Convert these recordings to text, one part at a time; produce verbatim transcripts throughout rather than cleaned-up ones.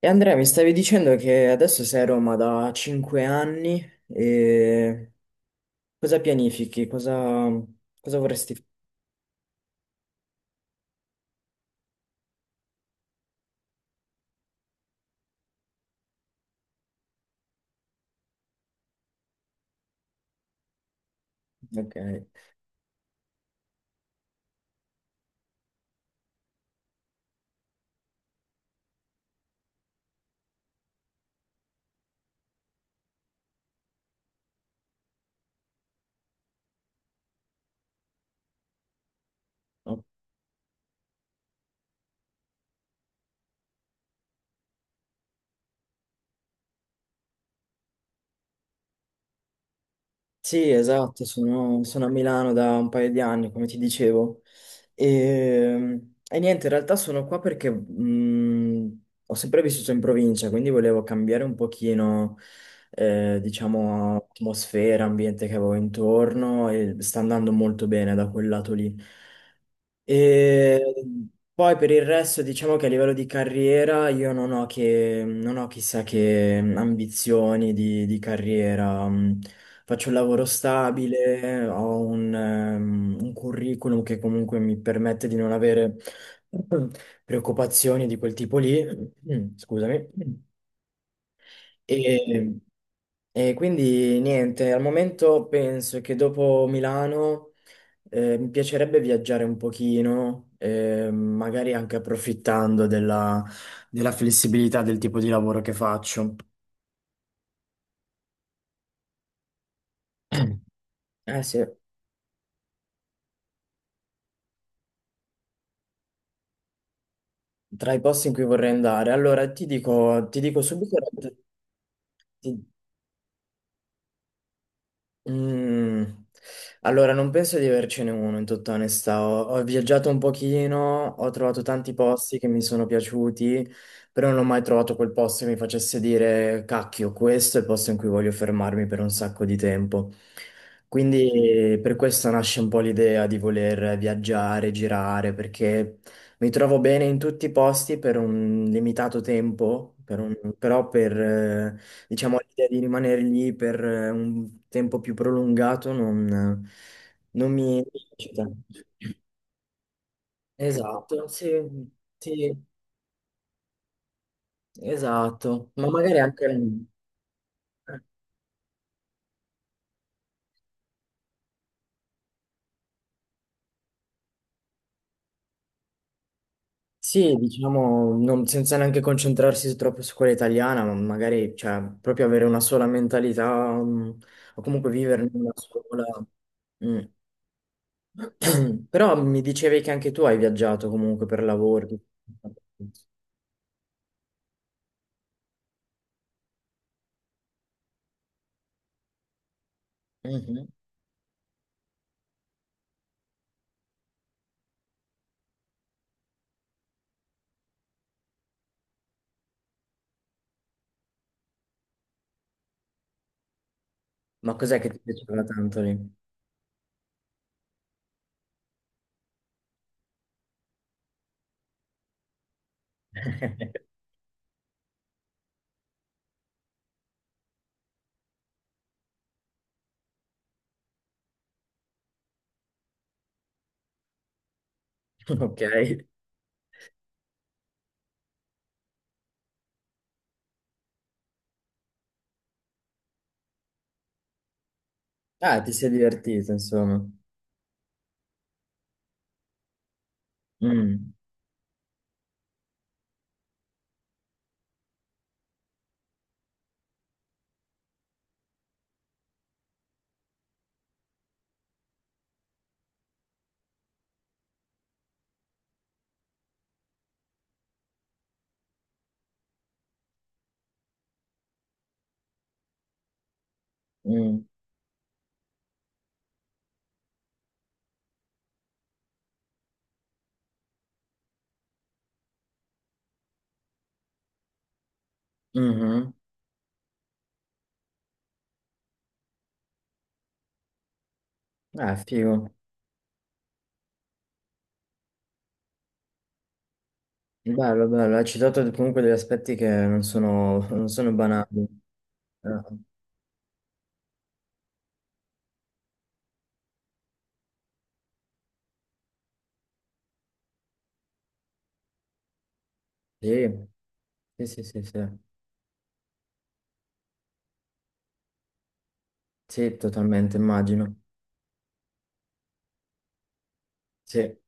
E Andrea, mi stavi dicendo che adesso sei a Roma da cinque anni e cosa pianifichi? Cosa, cosa vorresti fare? Ok. Oh, sì, esatto, sono, sono a Milano da un paio di anni, come ti dicevo. E, e niente, in realtà sono qua perché mh, ho sempre vissuto in provincia, quindi volevo cambiare un pochino, eh, diciamo, atmosfera, ambiente che avevo intorno, e sta andando molto bene da quel lato lì. E poi per il resto, diciamo che a livello di carriera io non ho, che, non ho chissà che ambizioni di, di carriera. Mm, faccio un lavoro stabile, ho un, ehm, un curriculum che comunque mi permette di non avere preoccupazioni di quel tipo lì. Mm, scusami. Sì. E, e quindi niente, al momento penso che dopo Milano eh, mi piacerebbe viaggiare un pochino, eh, magari anche approfittando della, della flessibilità del tipo di lavoro che faccio. Eh sì, tra i posti in cui vorrei andare. Allora, ti dico, ti dico subito, mm. Allora, non penso di avercene uno, in tutta onestà. Ho, ho viaggiato un pochino, ho trovato tanti posti che mi sono piaciuti, però non ho mai trovato quel posto che mi facesse dire, cacchio, questo è il posto in cui voglio fermarmi per un sacco di tempo. Quindi per questo nasce un po' l'idea di voler viaggiare, girare, perché mi trovo bene in tutti i posti per un limitato tempo, per un- però per, eh, diciamo, l'idea di rimanere lì per eh, un tempo più prolungato non, non mi mi eccita. Esatto, sì, sì, esatto. Ma magari anche... Sì, diciamo, non- senza neanche concentrarsi troppo su quella italiana, ma magari, cioè, proprio avere una sola mentalità, mm, o comunque vivere in una sola. Mm. Però mi dicevi che anche tu hai viaggiato comunque per lavoro. Mhm. Ma cos'è che ti piaceva tanto lì? Ok. Ah, ti sei divertito, insomma. Mm, mm, mhm. Ah, figo. Bello, bello. Hai citato comunque degli aspetti che non sono, non sono banali. Ah, sì, sì, sì, sì, sì. Sì, totalmente, immagino. Sì,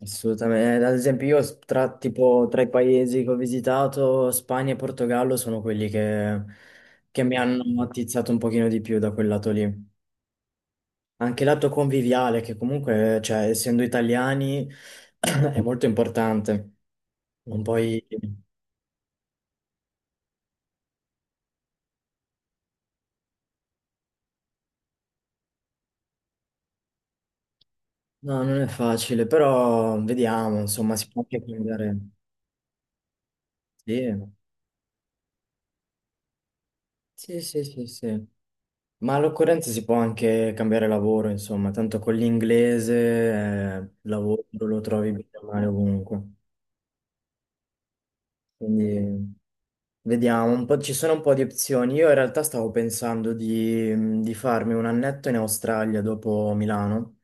assolutamente. Eh, Ad esempio, io s- tra, tipo, tra i paesi che ho visitato, Spagna e Portogallo sono quelli che, che mi hanno attizzato un pochino di più da quel lato lì. Anche il lato conviviale, che comunque, cioè, essendo italiani, è molto importante. Non puoi... No, non è facile, però vediamo, insomma, si può anche cambiare. Sì, sì, sì, sì, sì. Ma all'occorrenza si può anche cambiare lavoro, insomma, tanto con l'inglese, eh, il lavoro lo trovi bene o male ovunque. Quindi vediamo, un po', ci sono un po' di opzioni. Io in realtà stavo pensando di, di farmi un annetto in Australia dopo Milano.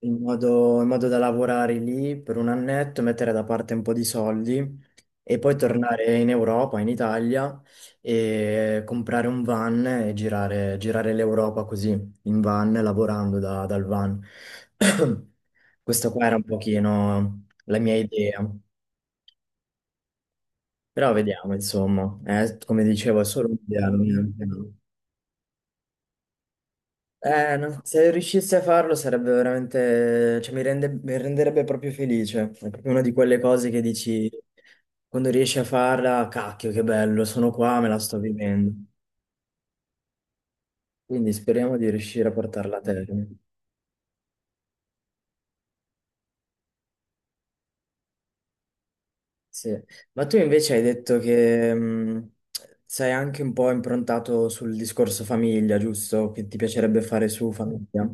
in modo, in modo da lavorare lì per un annetto, mettere da parte un po' di soldi e poi tornare in Europa, in Italia e comprare un van e girare, girare l'Europa così, in van, lavorando da- dal van. Questa qua era un pochino la mia idea, però vediamo, insomma, eh, come dicevo, è solo un'idea. Non è- eh, non- se riuscissi a farlo sarebbe veramente, cioè mi rende- mi renderebbe proprio felice. È proprio una di quelle cose che dici quando riesci a farla, cacchio, che bello, sono qua, me la sto vivendo. Quindi speriamo di riuscire a portarla a termine. Sì. Ma tu invece hai detto che mh, sei anche un po' improntato sul discorso famiglia, giusto? Che ti piacerebbe fare su famiglia.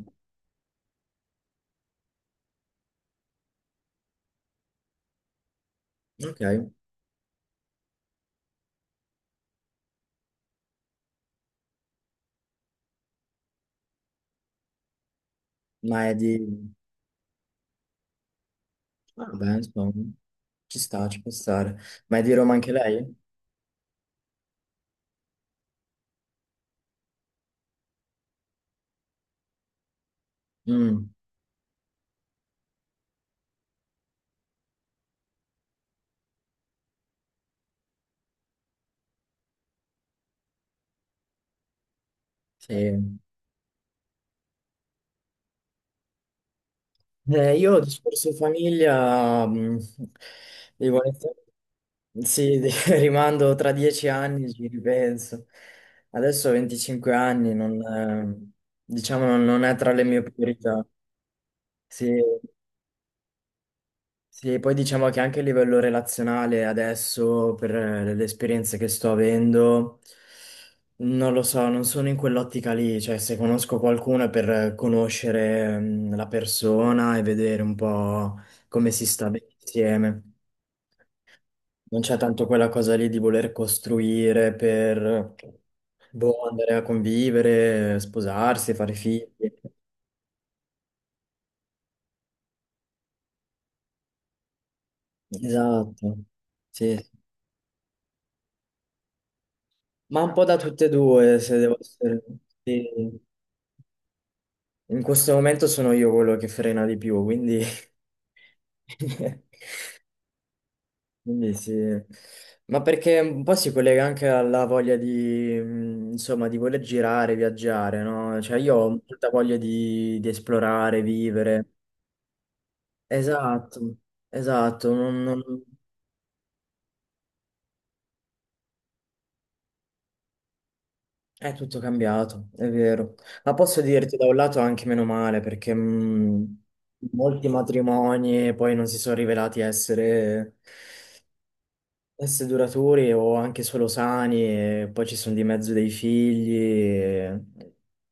Ok, ma è di... Ah, beh, insomma, ci sta, ci può stare. Ma è di Roma anche lei? Mm, sì. Eh, io discorso famiglia, mm, devo essere- sì, di- rimando tra dieci anni, ci ripenso. Adesso ho venticinque anni, non, eh, diciamo non non è tra le mie priorità. Sì, sì, poi diciamo che anche a livello relazionale adesso, per eh, le esperienze che sto avendo, non lo so, non sono in quell'ottica lì, cioè se conosco qualcuno è per eh, conoscere mm, la persona e vedere un po' come si sta bene insieme. Non c'è tanto quella cosa lì di voler costruire per boh, andare a convivere, sposarsi, fare figli. Esatto. Sì, sì. Ma un po' da tutte e due, se devo essere... Sì. In questo momento sono io quello che frena di più, quindi... quindi sì. Ma perché un po' si collega anche alla voglia di, mh, insomma, di voler girare, viaggiare, no? Cioè io ho molta voglia di, di esplorare, vivere. Esatto, esatto. Non- non- è tutto cambiato, è vero. Ma posso dirti da un lato anche meno male, perché mh, molti matrimoni poi non si sono rivelati essere, essere duraturi o anche solo sani, e poi ci sono di mezzo dei figli, e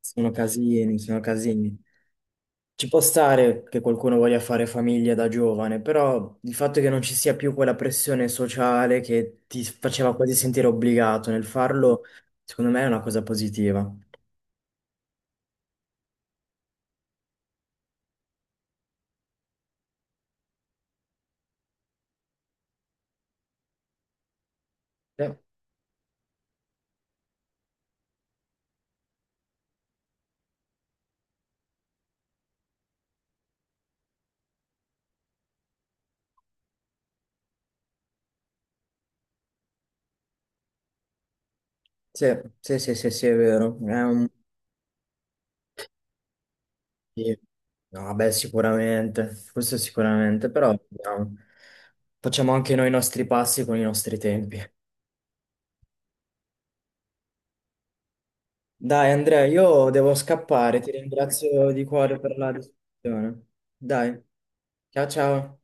sono casini, sono casini. Ci può stare che qualcuno voglia fare famiglia da giovane, però il fatto che non ci sia più quella pressione sociale che ti faceva quasi sentire obbligato nel farlo, secondo me è una cosa positiva. Sì. Sì, sì, sì, sì, sì, è vero. È un- sì. No, beh, sicuramente, questo sicuramente, però vediamo. Facciamo anche noi i nostri passi con i nostri tempi. Dai, Andrea, io devo scappare, ti ringrazio di cuore per la discussione. Dai, ciao ciao.